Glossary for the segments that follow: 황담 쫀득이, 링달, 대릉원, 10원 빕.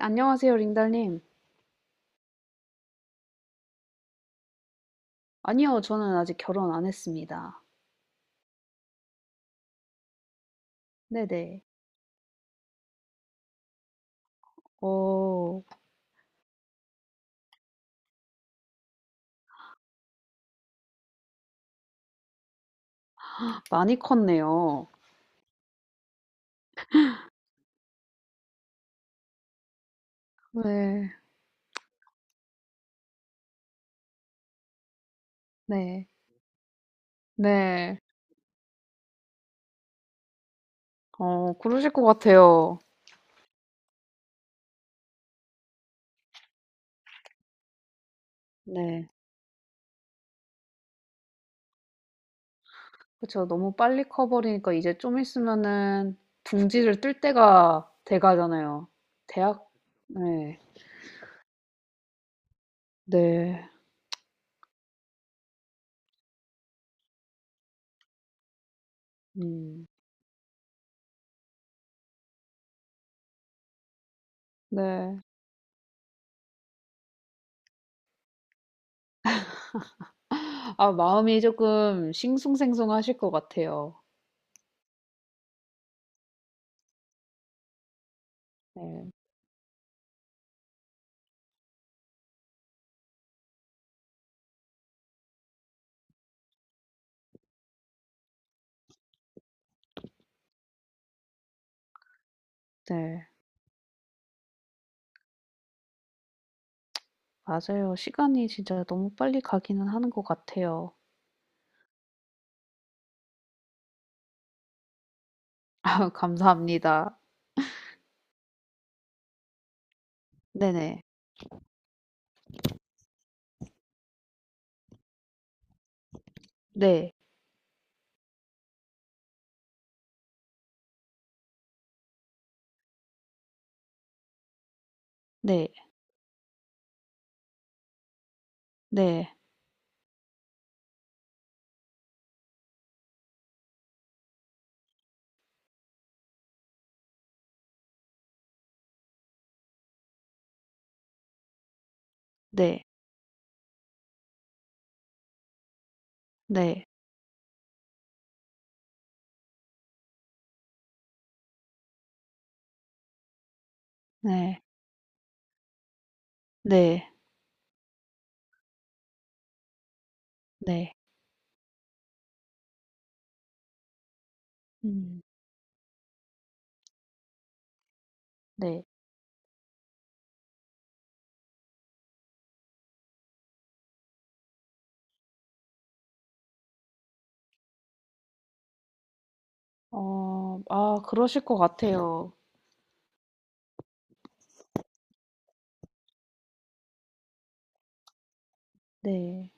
안녕하세요, 링달님. 아니요, 저는 아직 결혼 안 했습니다. 네네. 어, 많이 컸네요. 네, 네, 네. 그러실 것 같아요. 네. 그쵸. 너무 빨리 커버리니까 이제 좀 있으면은 둥지를 뜰 때가 돼 가잖아요. 대학? 네, 네. 음, 네. 아, 마음이 조금 싱숭생숭하실 것 같아요. 네, 네. 맞아요. 시간이 진짜 너무 빨리 가기는 하는 것 같아요. 감사합니다. 네네. 네. 네. 네. 네. 네. 네. 네. 네. 음 네. 그러실 것 같아요. 네.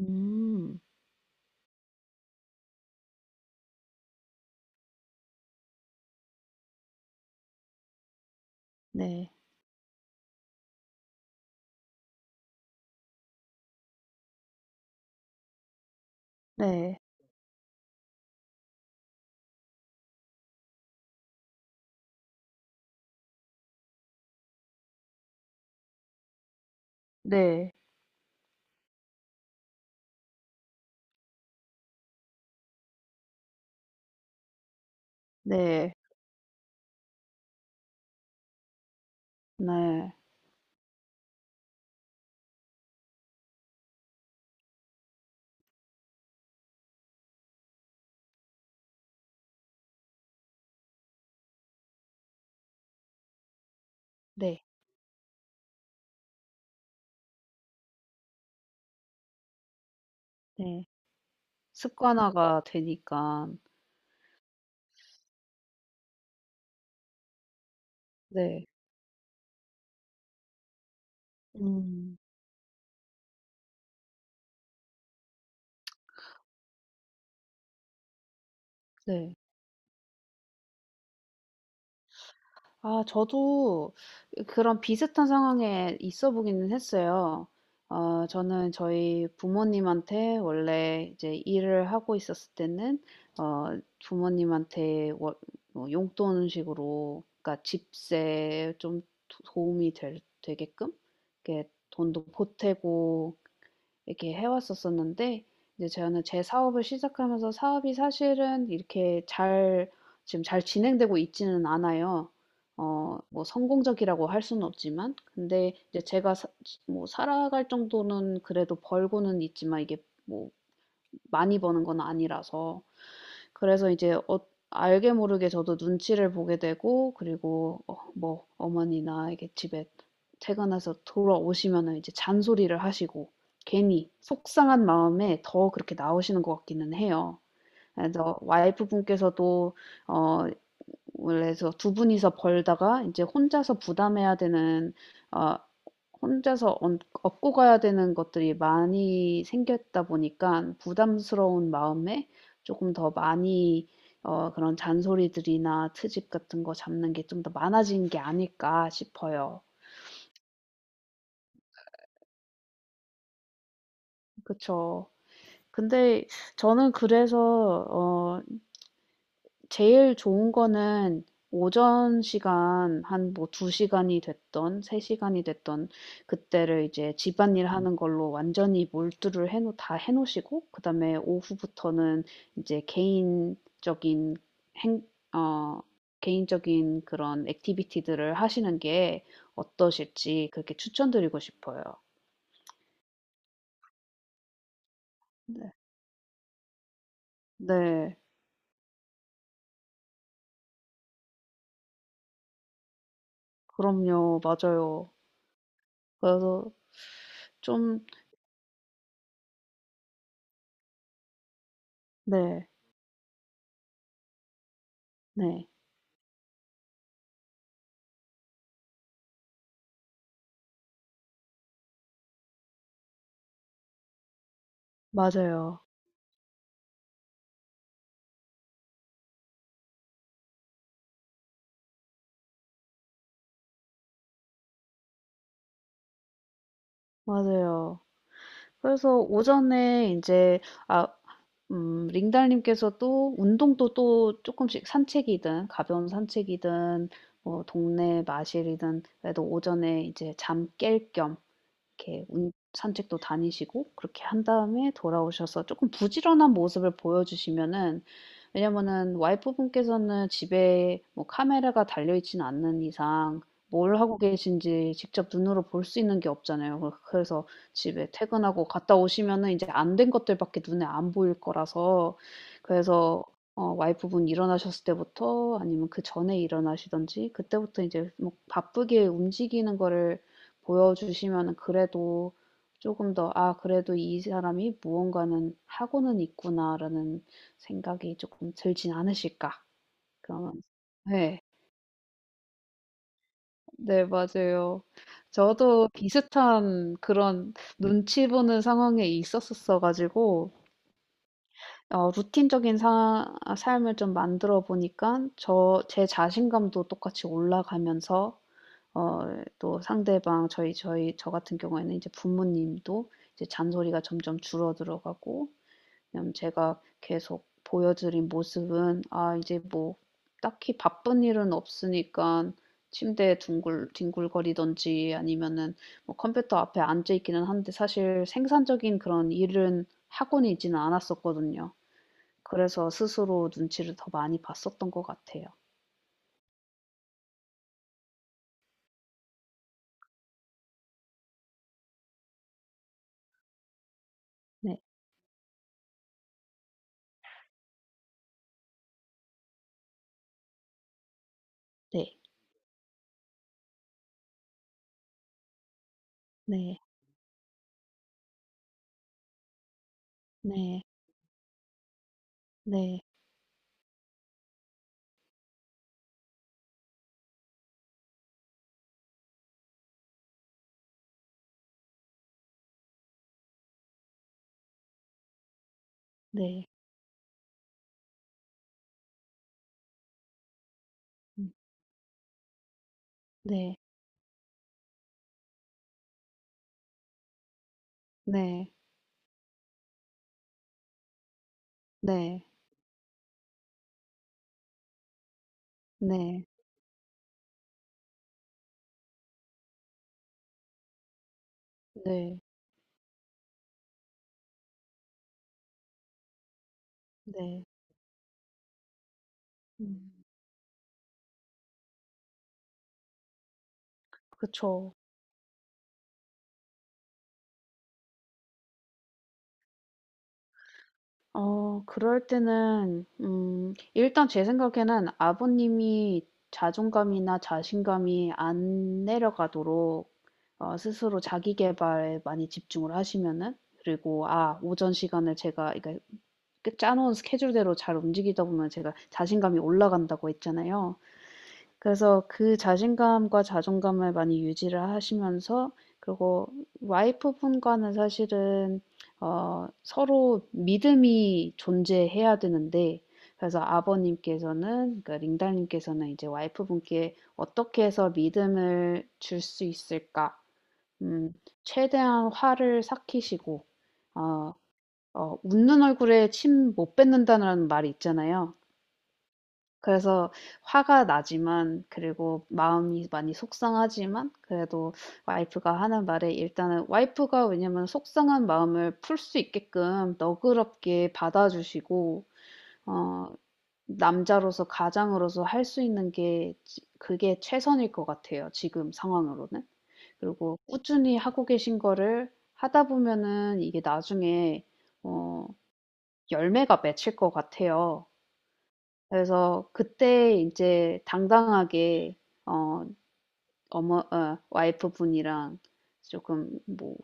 음. 네. 네. 네. 네. 네. 네. 네. 습관화가 되니까 네. 음. 네. 아, 저도 그런 비슷한 상황에 있어 보기는 했어요. 저는 저희 부모님한테 원래 이제 일을 하고 있었을 때는, 어, 부모님한테 뭐 용돈식으로, 그러니까 집세 좀 도움이 되게끔, 이렇게 돈도 보태고, 이렇게 해왔었었는데 이제 저는 제 사업을 시작하면서 사업이 사실은 이렇게 잘 지금 잘 진행되고 있지는 않아요. 뭐 성공적이라고 할 수는 없지만 근데 이제 뭐 살아갈 정도는 그래도 벌고는 있지만 이게 뭐 많이 버는 건 아니라서 그래서 이제 알게 모르게 저도 눈치를 보게 되고 그리고 뭐 어머니나 이게 집에 퇴근해서 돌아오시면은 이제 잔소리를 하시고 괜히 속상한 마음에 더 그렇게 나오시는 것 같기는 해요. 그래서 와이프 분께서도 어 원래서 두 분이서 벌다가 이제 혼자서 부담해야 되는 어, 혼자서 얻 업고 가야 되는 것들이 많이 생겼다 보니까 부담스러운 마음에 조금 더 많이 그런 잔소리들이나 트집 같은 거 잡는 게 좀 더 많아진 게 아닐까 싶어요. 그쵸. 근데 저는 그래서, 어, 제일 좋은 거는 오전 시간 한 뭐 2시간이 됐던 3시간이 됐던 그때를 이제 집안일 하는 걸로 완전히 다 해놓으시고 그다음에 오후부터는 이제 개인적인 행, 어, 개인적인 그런 액티비티들을 하시는 게 어떠실지 그렇게 추천드리고 싶어요. 네. 네. 그럼요. 맞아요. 그래서 좀, 네. 네. 맞아요. 맞아요. 그래서 오전에 이제 아 링달님께서 또 운동도 또 조금씩 산책이든 가벼운 산책이든 뭐 동네 마실이든 그래도 오전에 이제 잠깰겸 이렇게 운 산책도 다니시고 그렇게 한 다음에 돌아오셔서 조금 부지런한 모습을 보여주시면은 왜냐면은 와이프분께서는 집에 뭐 카메라가 달려있지는 않는 이상 뭘 하고 계신지 직접 눈으로 볼 수 있는 게 없잖아요. 그래서 집에 퇴근하고 갔다 오시면은 이제 안 된 것들밖에 눈에 안 보일 거라서 그래서 와이프분 일어나셨을 때부터 아니면 그전에 일어나시든지 그때부터 이제 뭐 바쁘게 움직이는 거를 보여주시면 그래도 조금 더 '아 그래도 이 사람이 무언가는 하고는 있구나.'라는 생각이 조금 들진 않으실까. 그러면 네. 네 맞아요. 저도 비슷한 그런 눈치 보는 상황에 있었었어 가지고 루틴적인 사 삶을 좀 만들어 보니까 제 자신감도 똑같이 올라가면서 또 상대방 저희 저희 저 같은 경우에는 이제 부모님도 이제 잔소리가 점점 줄어들어 가고 왜냐면 제가 계속 보여드린 모습은 아 이제 뭐 딱히 바쁜 일은 없으니깐 침대에 둥글 뒹굴거리든지 아니면은 뭐 컴퓨터 앞에 앉아 있기는 한데 사실 생산적인 그런 일은 하고는 있지는 않았었거든요. 그래서 스스로 눈치를 더 많이 봤었던 것 같아요. 네. 네. 네. 네. 네. 네. 네. 네. 네. 네. 네. 네. 네. 음. 그쵸. 그럴 때는 일단 제 생각에는 아버님이 자존감이나 자신감이 안 내려가도록 스스로 자기 계발에 많이 집중을 하시면은 그리고 아 오전 시간을 제가 그러니까 그 짜 놓은 스케줄대로 잘 움직이다 보면 제가 자신감이 올라간다고 했잖아요. 그래서 그 자신감과 자존감을 많이 유지를 하시면서 그리고 와이프분과는 사실은 서로 믿음이 존재해야 되는데 그래서 아버님께서는 그러니까 링달님께서는 이제 와이프분께 어떻게 해서 믿음을 줄 수 있을까? 음, 최대한 화를 삭히시고 어, 웃는 얼굴에 침 못 뱉는다는 말이 있잖아요. 그래서 화가 나지만 그리고 마음이 많이 속상하지만 그래도 와이프가 하는 말에 일단은 와이프가 왜냐면 속상한 마음을 풀 수 있게끔 너그럽게 받아주시고 어 남자로서 가장으로서 할 수 있는 게 지 그게 최선일 것 같아요 지금 상황으로는. 그리고 꾸준히 하고 계신 거를 하다 보면은 이게 나중에 어 열매가 맺힐 것 같아요. 그래서 그때 이제 당당하게 어 어머 어 와이프분이랑 조금 뭐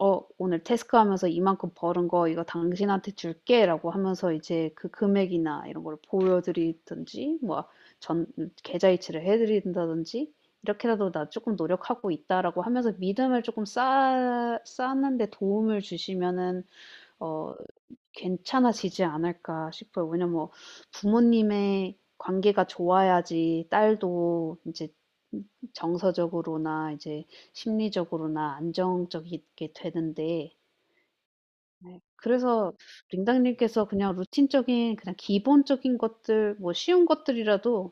"어 오늘 테스크하면서 이만큼 벌은 거 이거 당신한테 줄게."라고 하면서 이제 그 금액이나 이런 걸 보여드리든지 뭐 전 계좌이체를 해 드린다든지 "이렇게라도 나 조금 노력하고 있다."라고 하면서 믿음을 조금 쌓 쌓는 데 도움을 주시면은 어 괜찮아지지 않을까 싶어요. 왜냐면 뭐 부모님의 관계가 좋아야지 딸도 이제 정서적으로나 이제 심리적으로나 안정적이게 되는데 네. 그래서 링당님께서 그냥 루틴적인 그냥 기본적인 것들 뭐 쉬운 것들이라도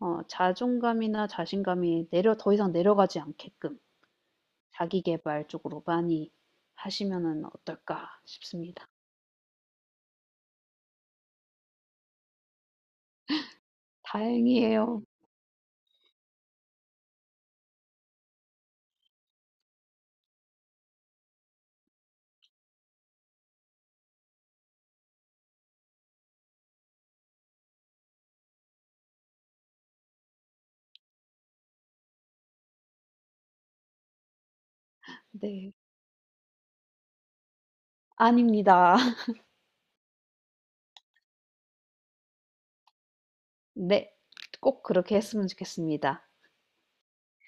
자존감이나 자신감이 내려 더 이상 내려가지 않게끔 자기 계발 쪽으로 많이 하시면은 어떨까 싶습니다. 다행이에요. 네. 아닙니다. 네. 꼭 그렇게 했으면 좋겠습니다.